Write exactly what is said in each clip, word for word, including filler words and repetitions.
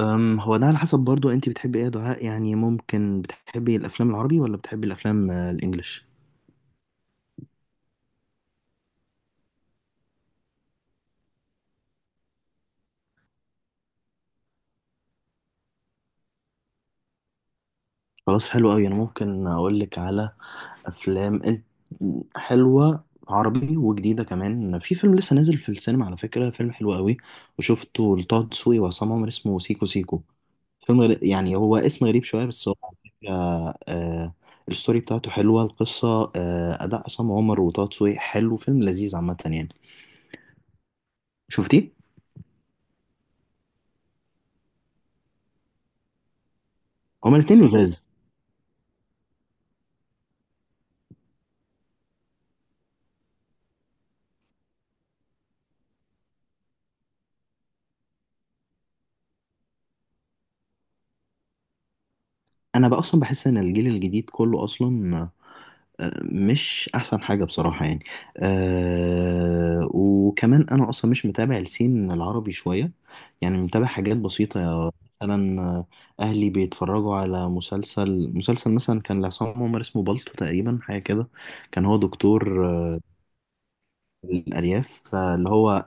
أم هو ده على حسب برضو انت بتحبي ايه يا دعاء؟ يعني ممكن بتحبي الافلام العربي ولا بتحبي الافلام آه، الانجليش؟ خلاص، حلو قوي. انا ممكن اقول لك على افلام ال- حلوه عربي وجديده كمان. في فيلم لسه نازل في السينما، على فكره، فيلم حلو قوي وشفته لطه دسوقي وعصام عمر اسمه سيكو سيكو. فيلم غري- يعني هو اسم غريب شويه، بس هو على فكره آه، الستوري بتاعته حلوه، القصه آه، اداء عصام عمر وطه دسوقي حلو. فيلم لذيذ عامه يعني. شفتيه؟ هما الاثنين لذاذ. انا بقى اصلا بحس ان الجيل الجديد كله اصلا آه، مش احسن حاجه بصراحه يعني. أه وكمان انا اصلا مش متابع السين العربي شويه، يعني متابع حاجات بسيطه. مثلا آه، اهلي بيتفرجوا على مسلسل مسلسل مثلا كان لعصام عمر اسمه بالطو تقريبا، حاجه كده. كان هو دكتور آه، الارياف فاللي هو.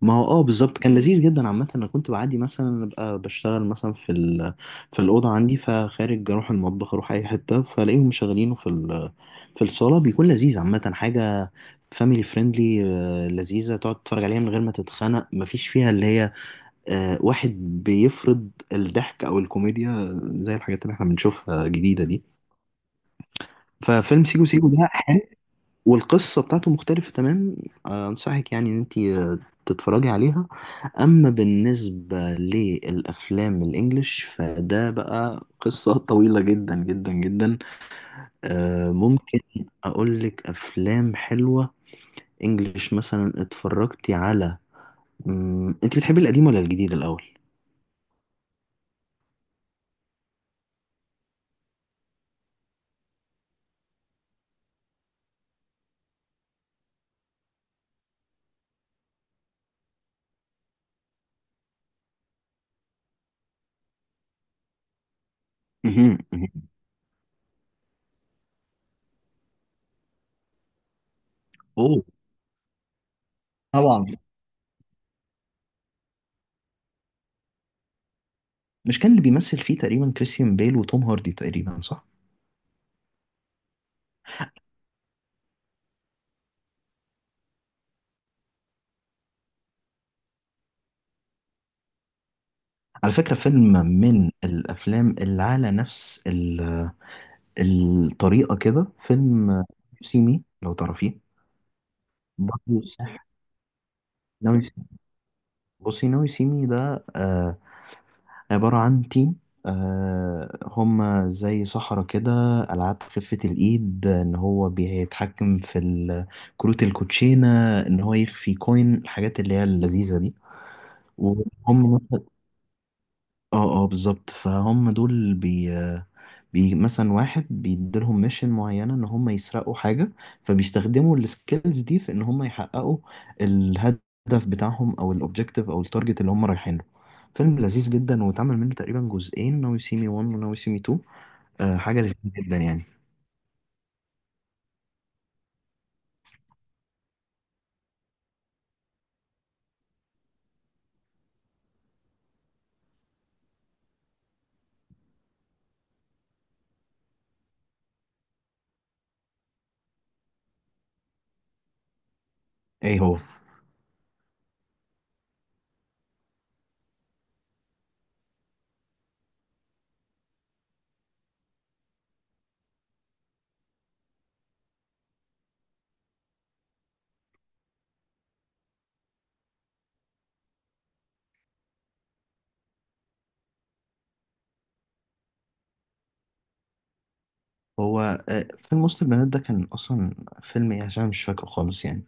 ما هو اه بالظبط كان لذيذ جدا عامة. انا كنت بعدي مثلا ابقى بشتغل مثلا في ال... في الأوضة عندي، فخارج اروح المطبخ، اروح اي حتة فلاقيهم مشغلينه في ال... في الصالة. بيكون لذيذ عامة. حاجة فاميلي فريندلي لذيذة تقعد تتفرج عليها من غير ما تتخنق. مفيش فيها اللي هي آه، واحد بيفرض الضحك او الكوميديا آه، زي الحاجات اللي احنا بنشوفها جديدة دي. ففيلم سيكو سيكو ده والقصة بتاعته مختلفة تمام. آه، أنصحك يعني إن أنت آه، تتفرجي عليها. أما بالنسبة للأفلام الإنجليش، فده بقى قصة طويلة جدا جدا جدا. آه، ممكن أقولك أفلام حلوة إنجليش. مثلا اتفرجتي على مم، أنت بتحبي القديم ولا الجديد الأول؟ مهم، مهم. أوه. طبعا. مش كان اللي بيمثل فيه تقريبا كريستيان بيل وتوم هاردي تقريبا، صح؟ على فكرة، فيلم من الأفلام اللي على نفس الطريقة كده فيلم سيمي، لو تعرفيه. برضه صح. ناوي. بصي، ناوي سيمي ده آه عبارة عن تيم. آه هم زي صحراء كده، ألعاب خفة الإيد إن هو بيتحكم في ال- كروت الكوتشينة، إن هو يخفي كوين، الحاجات اللي هي اللذيذة دي. وهم اه اه بالظبط. فهم دول بي بي مثلا واحد بيديلهم ميشن معينة ان هم يسرقوا حاجة، فبيستخدموا السكيلز دي في ان هم يحققوا الهدف بتاعهم، او الاوبجيكتيف، او التارجت اللي هم رايحين له. فيلم لذيذ جدا. واتعمل منه تقريبا جزئين، ناو يو سي مي واحد وناو يو سي مي اتنين. آه حاجة لذيذة جدا يعني. ايه هو؟ هو آه فيلم وسط البنات ده كان اصلا فيلم ايه؟ عشان مش فاكره خالص يعني.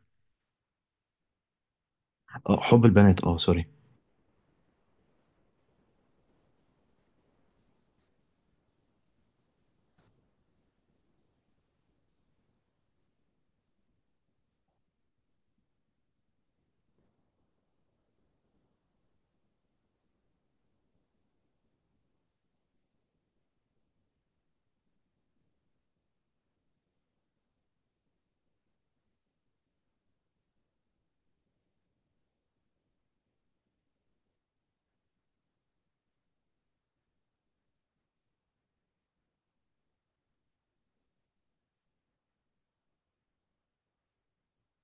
آه حب البنات، اه، سوري.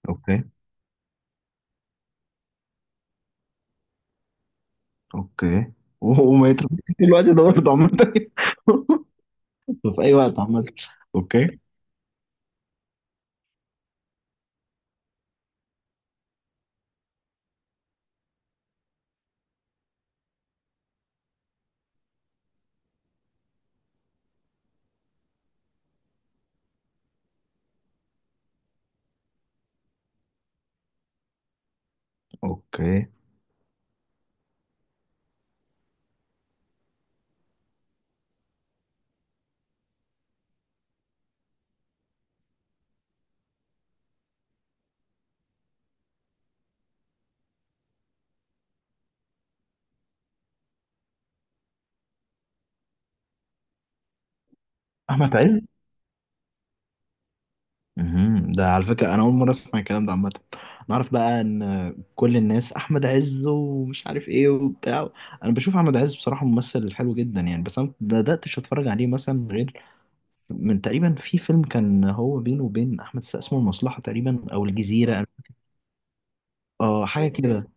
اوكي، اوكي. وهو ما يترميش في الوقت ده برضه عامة. في اي وقت عامة. اوكي، اوكي. احمد عز. مهم. ده على فكرة انا اول مرة اسمع الكلام ده عامة. نعرف بقى ان كل الناس احمد عز ومش عارف ايه وبتاع. انا بشوف احمد عز بصراحة ممثل حلو جدا يعني، بس انا ما بداتش اتفرج عليه مثلا غير من تقريبا في فيلم كان هو بينه وبين احمد السقا اسمه المصلحة تقريبا، او الجزيرة. اه حاجة كده.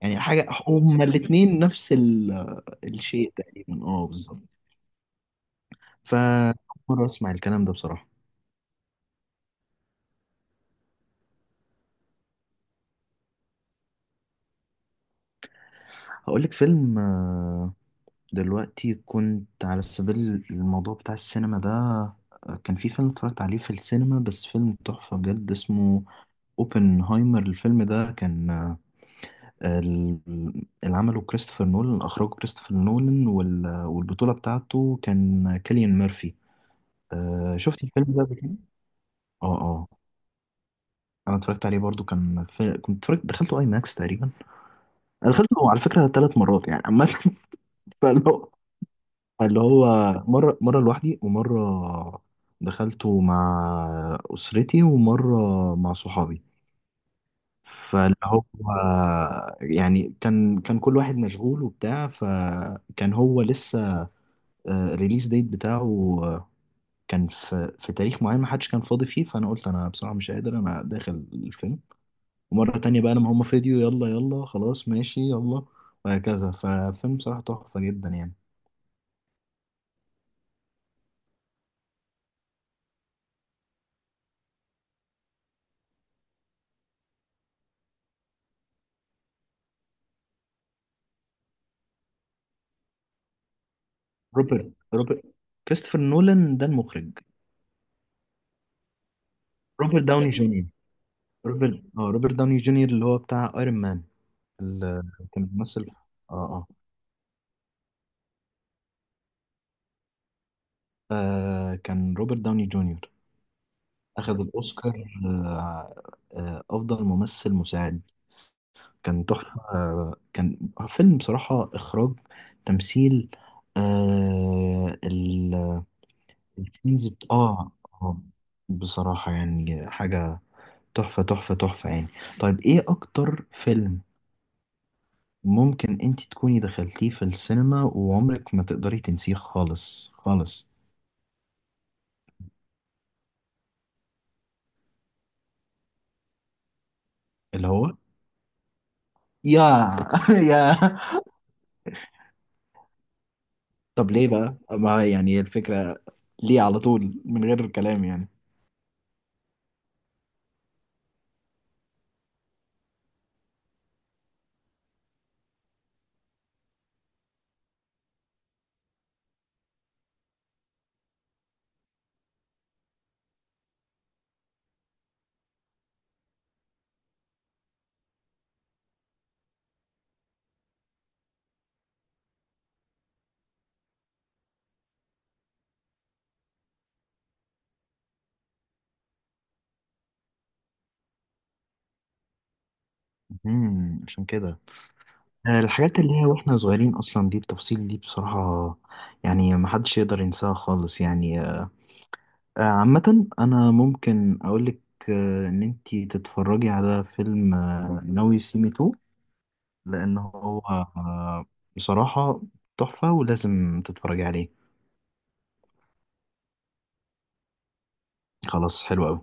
يعني حاجة هما الاتنين نفس ال... الشيء تقريبا، اه بالظبط. فأول مرة أسمع الكلام ده بصراحة. هقول لك فيلم. آه، دلوقتي كنت على سبيل الموضوع بتاع السينما ده. آه، كان في فيلم اتفرجت عليه في السينما، بس فيلم تحفة بجد، اسمه اوبنهايمر. الفيلم ده كان آه، ال- اللي عمله كريستوفر نولان، أخرجه كريستوفر نولان وال- والبطولة بتاعته كان كيليان ميرفي. آه، شفت الفيلم ده قبل كده؟ اه اه. انا اتفرجت عليه برضو. كان في... كنت اتفرجت، دخلته اي ماكس تقريبا. أنا دخلته على فكره ثلاث مرات يعني عامه. فاللي هو فاللي هو مره مره لوحدي، ومره دخلته مع اسرتي، ومره مع صحابي. فاللي هو يعني كان كان كل واحد مشغول وبتاع، فكان هو لسه الريليز ديت بتاعه آه، كان في في تاريخ معين ما حدش كان فاضي فيه، فانا قلت انا بصراحه مش قادر، انا داخل الفيلم. ومرة تانية بقى لما هم فيديو، يلا يلا، خلاص ماشي، يلا. وهكذا. ففيلم بصراحة تحفة جدا يعني. روبرت روبرت. كريستوفر نولان ده المخرج. روبرت داوني جونيور. روبرت اه روبرت داوني جونيور اللي هو بتاع ايرون مان، اللي كان بيمثل. اه اه. آه، كان روبرت داوني جونيور. أخذ الأوسكار آه، آه، أفضل ممثل مساعد. كان تحفة. آه، كان فيلم بصراحة، إخراج، تمثيل، الكنز بت... اه. اه. بصراحة يعني حاجة تحفة تحفة تحفة يعني. طيب، ايه اكتر فيلم ممكن انت تكوني دخلتيه في السينما وعمرك ما تقدري تنسيه خالص خالص؟ اللي هو يا يا. طب ليه بقى، ما يعني الفكرة ليه على طول من غير كلام يعني؟ امم عشان كده آه، الحاجات اللي هي واحنا صغيرين اصلا، دي التفاصيل دي بصراحة، يعني ما حدش يقدر ينساها خالص يعني. آه، عامة أنا ممكن أقولك آه، إن أنتي تتفرجي على فيلم آه، ناوي سي مي تو. لأن هو آه، بصراحة تحفة، ولازم تتفرجي عليه. خلاص، حلو أوي.